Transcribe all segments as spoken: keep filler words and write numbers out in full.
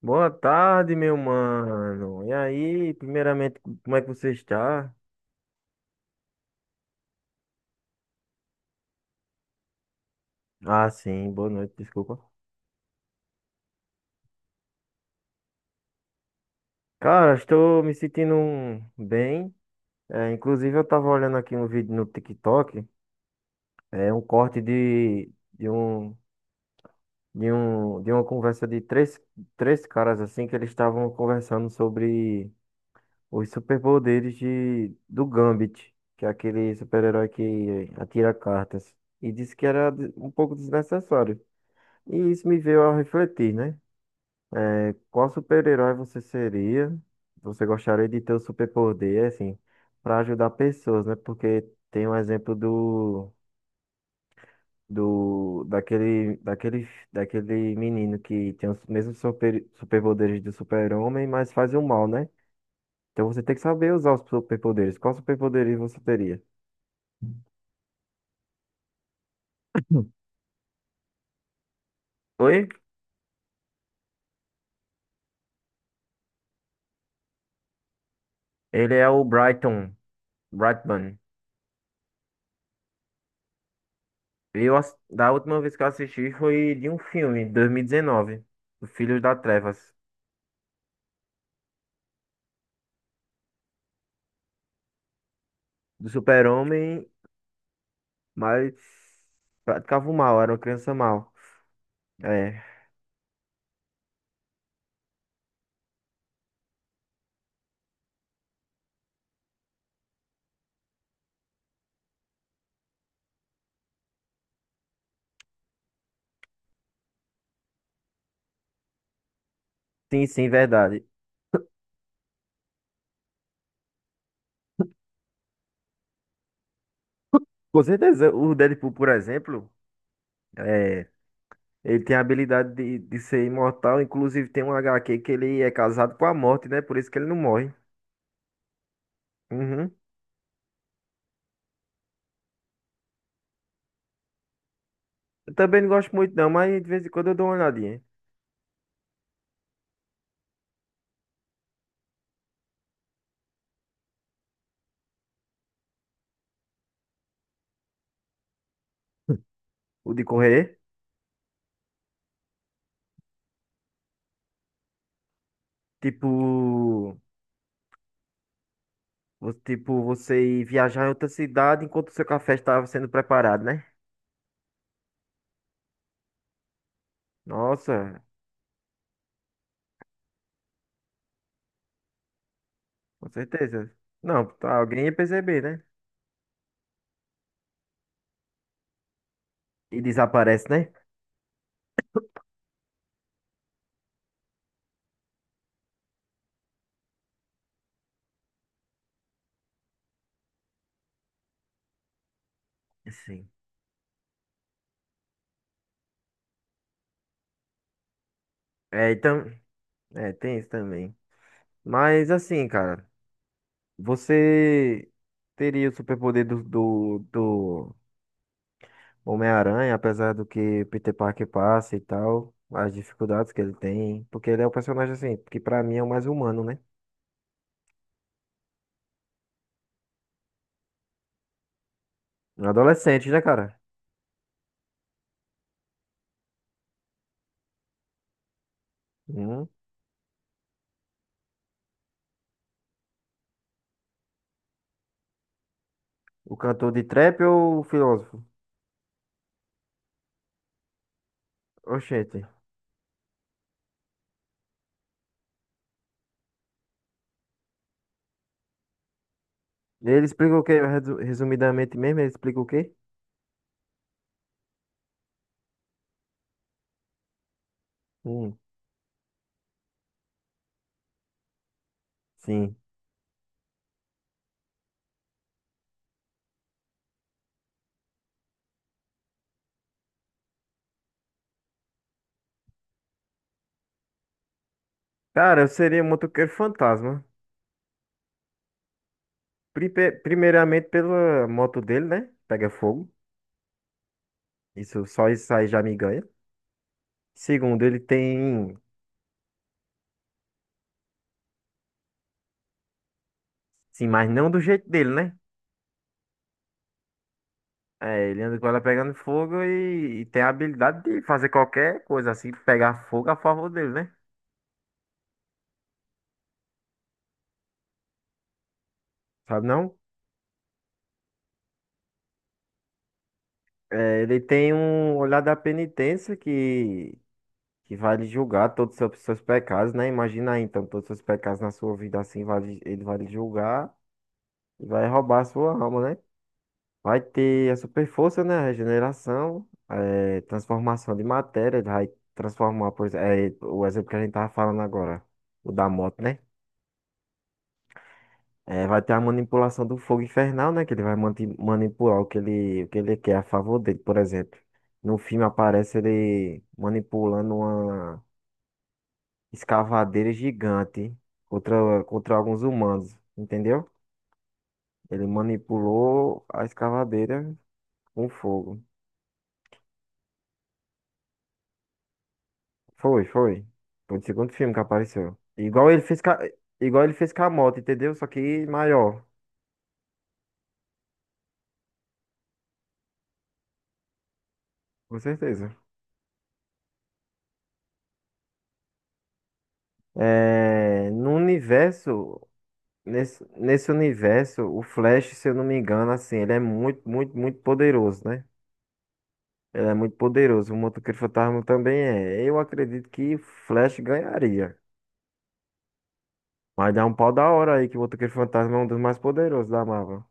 Boa tarde, meu mano. E aí, primeiramente, como é que você está? Ah, sim, boa noite, desculpa. Cara, estou me sentindo um- bem. É, inclusive, eu tava olhando aqui um vídeo no TikTok, é um corte de, de um, de um, de uma conversa de três, três caras assim que eles estavam conversando sobre os superpoderes de do Gambit, que é aquele super-herói que atira cartas. E disse que era de- um pouco desnecessário. E isso me veio a refletir, né? Qual super-herói você seria? Você gostaria de ter o superpoder, assim, para ajudar pessoas, né? Porque tem um exemplo do, do daquele, daquele, daquele menino que tem os mesmos super, superpoderes do super-homem, mas faz o mal, né? Então você tem que saber usar os superpoderes. Qual superpoderes você teria? Oi? Ele é o Brighton. Brightman. Eu, ass- da última vez que eu assisti foi de um filme, dois mil e dezenove, do Filhos da Trevas, do Super-Homem, mas praticava o mal, era uma criança mal. É, sim, sim, verdade. Com certeza, o Deadpool, por exemplo, é, ele tem a habilidade de, de ser imortal, inclusive tem um H Q que ele é casado com a morte, né? Por isso que ele não morre. Uhum. Eu também não gosto muito não, mas de vez em quando eu dou uma olhadinha. O de correr, tipo. Vo- Tipo, você ir viajar em outra cidade enquanto o seu café estava sendo preparado, né? Nossa, com certeza. Não, tá, alguém ia perceber, né? E desaparece, né? Sim. É, então, é, tem isso também. Mas assim, cara, você teria o superpoder do, do, do Homem-Aranha, apesar do que Peter Parker passa e tal, as dificuldades que ele tem, porque ele é um personagem assim, que pra mim é o mais humano, né? Um adolescente, né, cara? Hum. O cantor de trap ou o filósofo? Oxente. Ele explica o quê? Resu- Resumidamente mesmo, ele explica o quê? Hum, sim. Cara, eu seria um motoqueiro fantasma. Pripe- Primeiramente pela moto dele, né? Pega fogo. Isso, só isso aí já me ganha. Segundo, ele tem. Sim, mas não do jeito dele, né? É, ele anda com ela pegando fogo e, e tem a habilidade de fazer qualquer coisa assim, pegar fogo a favor dele, né? Sabe não? É, ele tem um olhar da penitência que que vai lhe julgar todos os seus seus pecados, né? Imagina aí, então, todos os seus pecados na sua vida assim, vai, lhe- ele vai lhe julgar e vai roubar a sua alma, né? Vai ter a super força, né? A regeneração, eh, transformação de matéria, ele vai transformar, por exemplo, o exemplo que a gente tava falando agora, o da moto, né? Eh, vai ter a manipulação do fogo infernal, né? Que ele vai manti- manipular o que ele, o que ele quer a favor dele, por exemplo. No filme aparece ele manipulando uma. escavadeira gigante contra, contra alguns humanos, entendeu? Ele manipulou a escavadeira com fogo. Foi, foi. Foi o segundo filme que apareceu. Igual ele fez, ca- igual ele fez com a moto, entendeu? Só que maior, com certeza. É, no universo, nesse, nesse universo, o Flash, se eu não me engano, assim, ele é muito, muito, muito poderoso, né? Ele é muito poderoso. O Motoqueiro Fantasma também é. Eu acredito que o Flash ganharia. Vai dar um pau da hora aí que o Motoqueiro Fantasma é um dos mais poderosos da Marvel.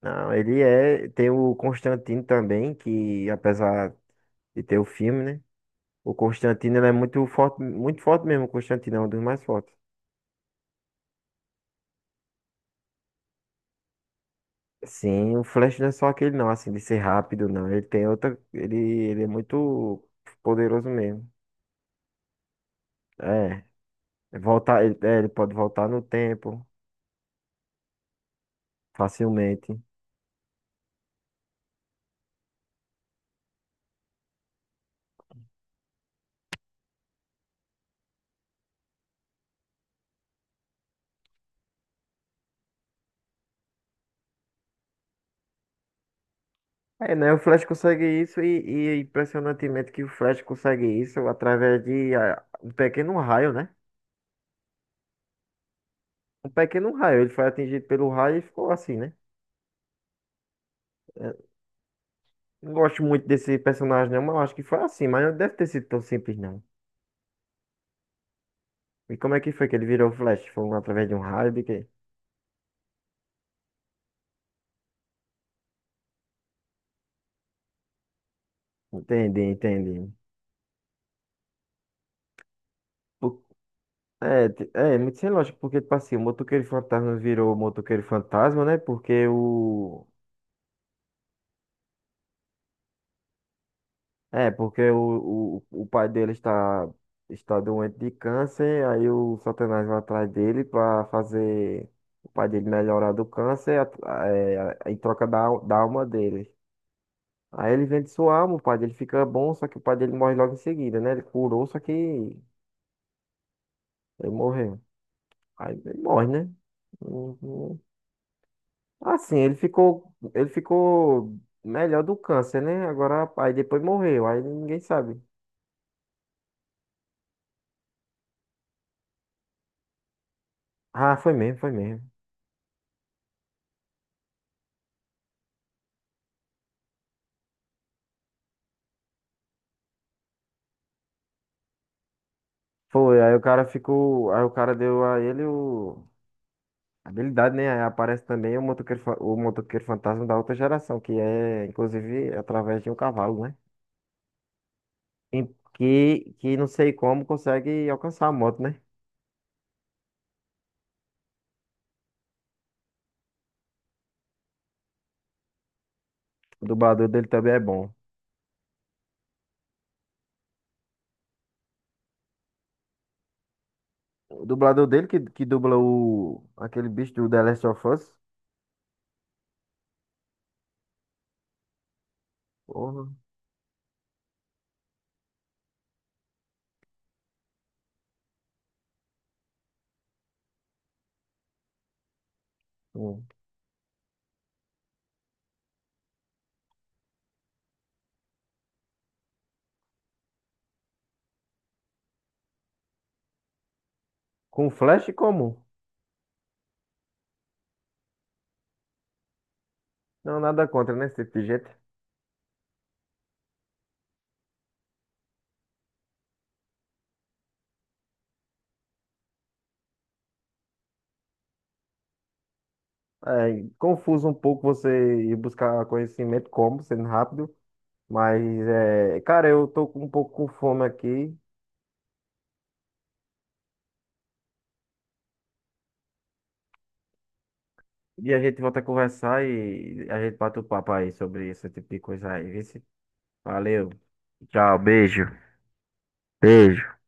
Não, ele é. Tem o Constantine também, que apesar de ter o filme, né? O Constantine ele é muito forte, muito forte mesmo. O Constantine é um dos mais fortes. Sim, o Flash não é só aquele não, assim, de ser rápido, não. Ele tem outra. Ele, ele é muito poderoso mesmo. É. Voltar, ele, é, ele pode voltar no tempo facilmente. É, né? O Flash consegue isso e, e é impressionantemente que o Flash consegue isso através de ah, um pequeno raio, né? Um pequeno raio. Ele foi atingido pelo raio e ficou assim, né? É, não gosto muito desse personagem, não, mas eu acho que foi assim. Mas não deve ter sido tão simples, não. E como é que foi que ele virou Flash? Foi um- através de um raio de quê? Entendi, entendi. Por- É, t- é muito sem lógica, porque, tipo assim, o motoqueiro fantasma virou motoqueiro fantasma, né? Porque o. É, porque o, o, o pai dele está, está doente de câncer, aí o Satanás vai atrás dele para fazer o pai dele melhorar do câncer a é, em troca da, al- da alma dele. Aí ele vende sua alma, o pai dele fica bom, só que o pai dele morre logo em seguida, né? Ele curou, só que ele morreu. Aí ele morre, né? Não- Assim, ele ficou, ele ficou melhor do câncer, né? Agora, aí depois morreu, aí ninguém sabe. Ah, foi mesmo, foi mesmo. Foi, aí o cara ficou. Aí o cara deu a ele o. a habilidade, né? Aí aparece também o motoqueiro, fa- o motoqueiro fantasma da outra geração, que é, inclusive, através de um cavalo, né? Em- Que, que não sei como consegue alcançar a moto, né? O dublador dele também é bom. O dublador dele que, que dubla o, aquele bicho do The Last of Us. Porra. Com com um flash comum. Não, nada contra, né? Esse tipo de gente. É confuso um pouco você ir buscar conhecimento como, sendo rápido. Mas, é, cara, eu tô com um pouco com fome aqui. E a gente volta a conversar e a gente bate o papo aí sobre esse tipo de coisa aí, viu? Valeu. Tchau, beijo. Beijo.